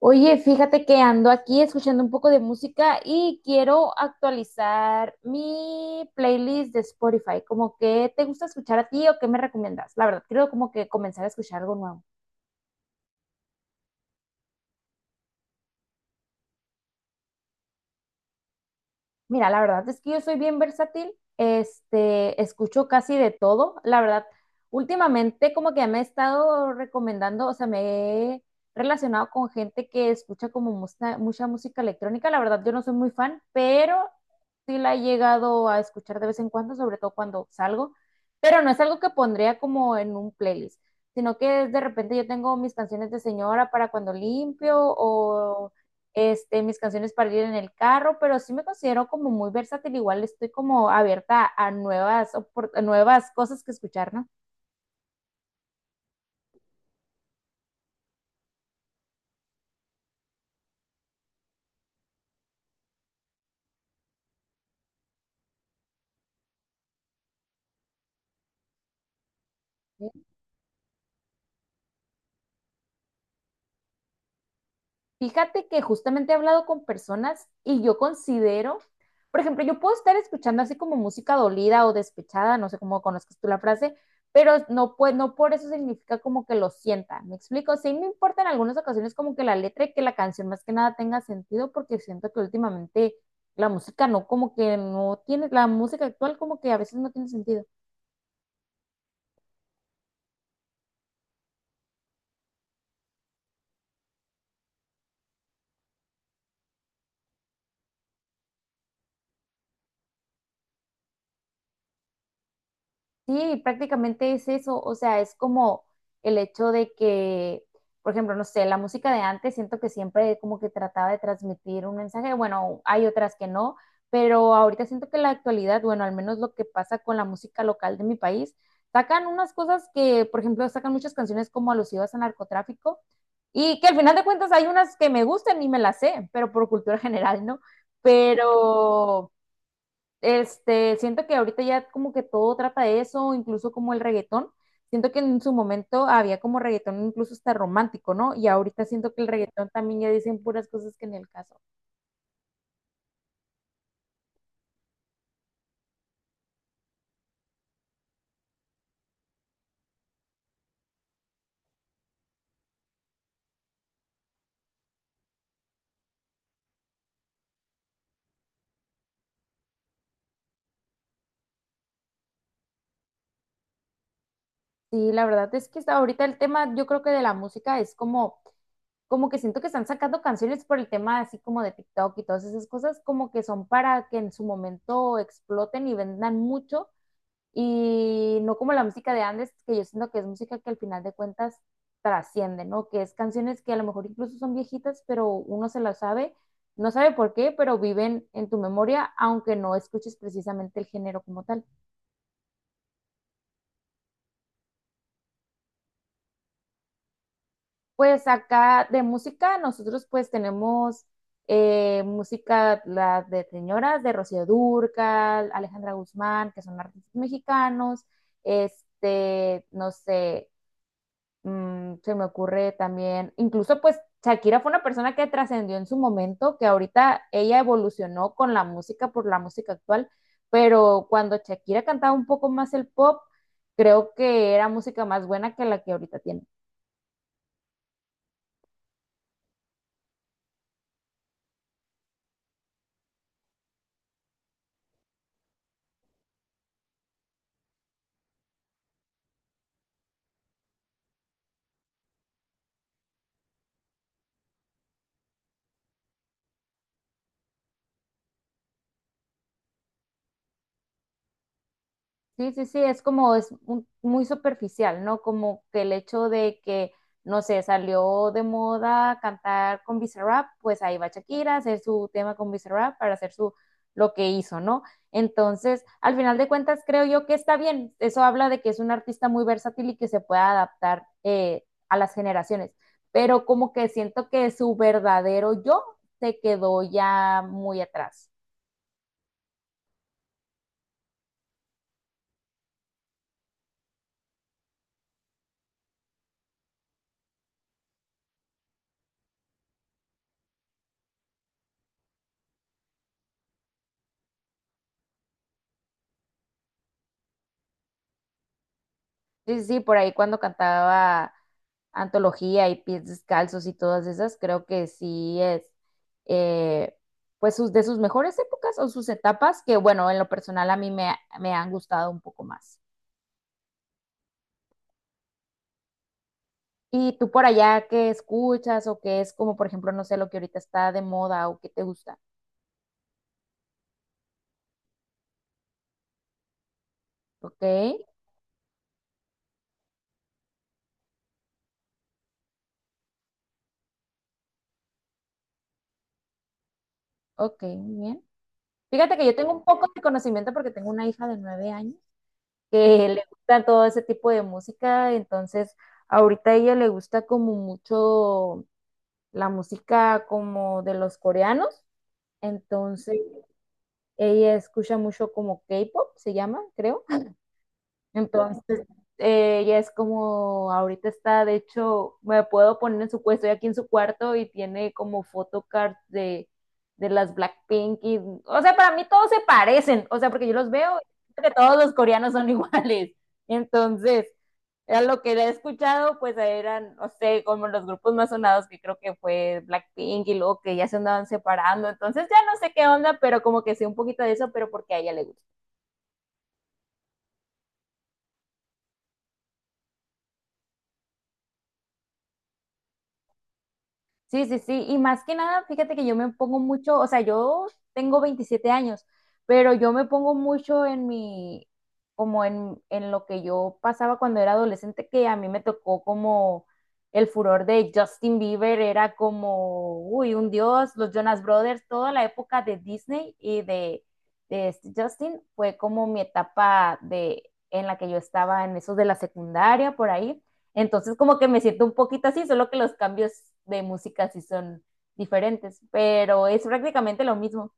Oye, fíjate que ando aquí escuchando un poco de música y quiero actualizar mi playlist de Spotify. ¿Como que te gusta escuchar a ti o qué me recomiendas? La verdad, quiero como que comenzar a escuchar algo nuevo. Mira, la verdad es que yo soy bien versátil, escucho casi de todo, la verdad, últimamente como que me he estado recomendando, o sea, me he relacionado con gente que escucha como mucha, mucha música electrónica, la verdad yo no soy muy fan, pero sí la he llegado a escuchar de vez en cuando, sobre todo cuando salgo, pero no es algo que pondría como en un playlist, sino que de repente yo tengo mis canciones de señora para cuando limpio mis canciones para ir en el carro, pero sí me considero como muy versátil, igual estoy como abierta a nuevas, a nuevas cosas que escuchar, ¿no? Fíjate que justamente he hablado con personas y yo considero, por ejemplo, yo puedo estar escuchando así como música dolida o despechada, no sé cómo conozcas tú la frase, pero no, pues no por eso significa como que lo sienta. ¿Me explico? Sí me importa en algunas ocasiones como que la letra y que la canción más que nada tenga sentido porque siento que últimamente la música no, como que no tiene, la música actual como que a veces no tiene sentido. Sí, prácticamente es eso, o sea, es como el hecho de que, por ejemplo, no sé, la música de antes siento que siempre como que trataba de transmitir un mensaje, bueno, hay otras que no, pero ahorita siento que en la actualidad, bueno, al menos lo que pasa con la música local de mi país, sacan unas cosas que, por ejemplo, sacan muchas canciones como alusivas al narcotráfico y que al final de cuentas hay unas que me gustan y me las sé, pero por cultura general, ¿no? Pero... siento que ahorita ya como que todo trata de eso, incluso como el reggaetón. Siento que en su momento había como reggaetón incluso hasta romántico, ¿no? Y ahorita siento que el reggaetón también ya dicen puras cosas que en el caso. Sí, la verdad es que hasta ahorita el tema, yo creo que de la música es como, como que siento que están sacando canciones por el tema así como de TikTok y todas esas cosas, como que son para que en su momento exploten y vendan mucho. Y no como la música de antes, que yo siento que es música que al final de cuentas trasciende, ¿no? Que es canciones que a lo mejor incluso son viejitas, pero uno se las sabe, no sabe por qué, pero viven en tu memoria, aunque no escuches precisamente el género como tal. Pues acá de música, nosotros pues tenemos música la de señoras, de Rocío Dúrcal, Alejandra Guzmán, que son artistas mexicanos, no sé, se me ocurre también, incluso pues Shakira fue una persona que trascendió en su momento, que ahorita ella evolucionó con la música por la música actual, pero cuando Shakira cantaba un poco más el pop, creo que era música más buena que la que ahorita tiene. Sí, sí, sí, es como, muy superficial, ¿no? Como que el hecho de que, no sé, salió de moda cantar con Bizarrap, pues ahí va Shakira a hacer su tema con Bizarrap para hacer su, lo que hizo, ¿no? Entonces, al final de cuentas, creo yo que está bien. Eso habla de que es un artista muy versátil y que se puede adaptar a las generaciones, pero como que siento que su verdadero yo se quedó ya muy atrás. Sí, sí, sí, por ahí cuando cantaba Antología y Pies Descalzos y todas esas, creo que sí es, eh, pues, de sus mejores épocas o sus etapas, que bueno, en lo personal a mí me han gustado un poco más. ¿Y tú por allá qué escuchas o qué es como, por ejemplo, no sé, lo que ahorita está de moda o qué te gusta? Ok, ok, muy bien. Fíjate que yo tengo un poco de conocimiento porque tengo una hija de 9 años que le gusta todo ese tipo de música, entonces ahorita a ella le gusta como mucho la música como de los coreanos, entonces ella escucha mucho como K-pop, se llama, creo. Entonces, ella es como, ahorita está, de hecho, me puedo poner en su puesto, estoy aquí en su cuarto y tiene como photocards de las Blackpink y, o sea, para mí todos se parecen, o sea, porque yo los veo y creo que todos los coreanos son iguales. Entonces, a lo que he escuchado, pues eran, no sé, como los grupos más sonados que creo que fue Blackpink y luego que ya se andaban separando, entonces ya no sé qué onda, pero como que sé un poquito de eso, pero porque a ella le gusta. Sí, sí, sí. Y más que nada, fíjate que yo me pongo mucho, o sea, yo tengo 27 años, pero yo me pongo mucho en mi, como en lo que yo pasaba cuando era adolescente, que a mí me tocó como el furor de Justin Bieber, era como, uy, un dios, los Jonas Brothers, toda la época de Disney y de, de Justin fue como mi etapa de, en la que yo estaba en esos de la secundaria, por ahí. Entonces como que me siento un poquito así, solo que los cambios de música sí son diferentes, pero es prácticamente lo mismo.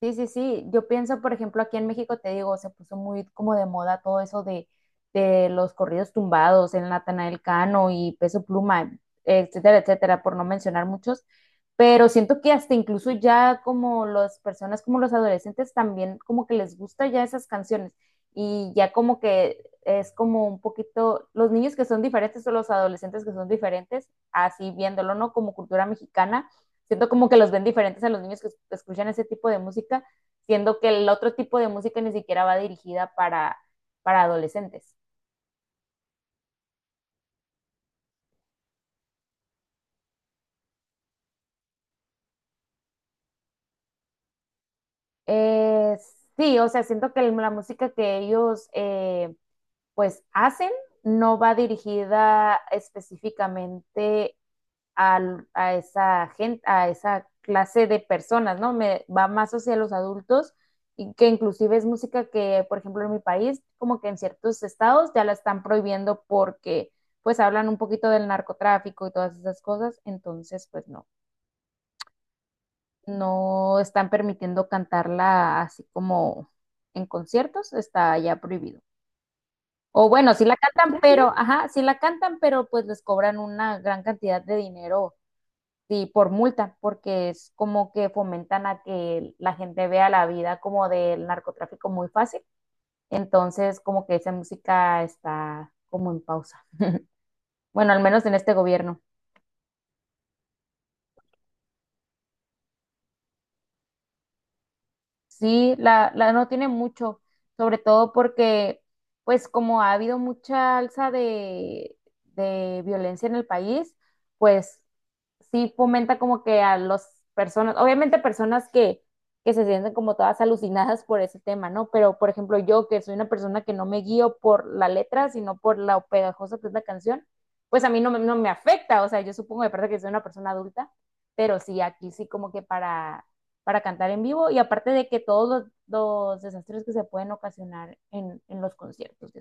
Sí, sí, sí. Yo pienso, por ejemplo, aquí en México, te digo, se puso muy como de moda todo eso de los corridos tumbados, el Natanael Cano y Peso Pluma, etcétera, etcétera, por no mencionar muchos. Pero siento que hasta incluso ya como las personas, como los adolescentes, también como que les gusta ya esas canciones. Y ya como que es como un poquito, los niños que son diferentes o los adolescentes que son diferentes, así viéndolo, ¿no? Como cultura mexicana, siento como que los ven diferentes a los niños que escuchan ese tipo de música, siendo que el otro tipo de música ni siquiera va dirigida para adolescentes. Eh, sí, o sea, siento que la música que ellos pues hacen no va dirigida específicamente a, a esa gente, a esa clase de personas, ¿no? Me va más hacia los adultos y que inclusive es música que, por ejemplo, en mi país, como que en ciertos estados ya la están prohibiendo porque pues hablan un poquito del narcotráfico y todas esas cosas, entonces pues no, no están permitiendo cantarla así como en conciertos, está ya prohibido. O bueno, sí la cantan, pero, ajá, sí la cantan, pero pues les cobran una gran cantidad de dinero. Sí, por multa, porque es como que fomentan a que la gente vea la vida como del narcotráfico muy fácil. Entonces, como que esa música está como en pausa. Bueno, al menos en este gobierno. Sí, la no tiene mucho, sobre todo porque, pues como ha habido mucha alza de violencia en el país, pues sí fomenta como que a las personas, obviamente personas que se sienten como todas alucinadas por ese tema, ¿no? Pero, por ejemplo, yo que soy una persona que no me guío por la letra, sino por lo pegajosa que es la canción, pues a mí no, no me afecta, o sea, yo supongo de parte que soy una persona adulta, pero sí, aquí sí como que para cantar en vivo y aparte de que todos los desastres que se pueden ocasionar en los conciertos.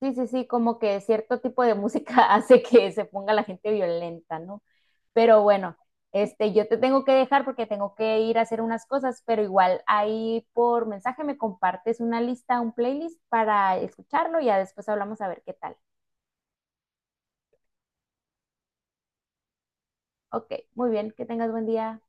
Sí, sí, sí, como que cierto tipo de música hace que se ponga la gente violenta, ¿no? Pero bueno, yo te tengo que dejar porque tengo que ir a hacer unas cosas, pero igual ahí por mensaje me compartes una lista, un playlist para escucharlo y ya después hablamos a ver qué tal. Ok, muy bien, que tengas buen día.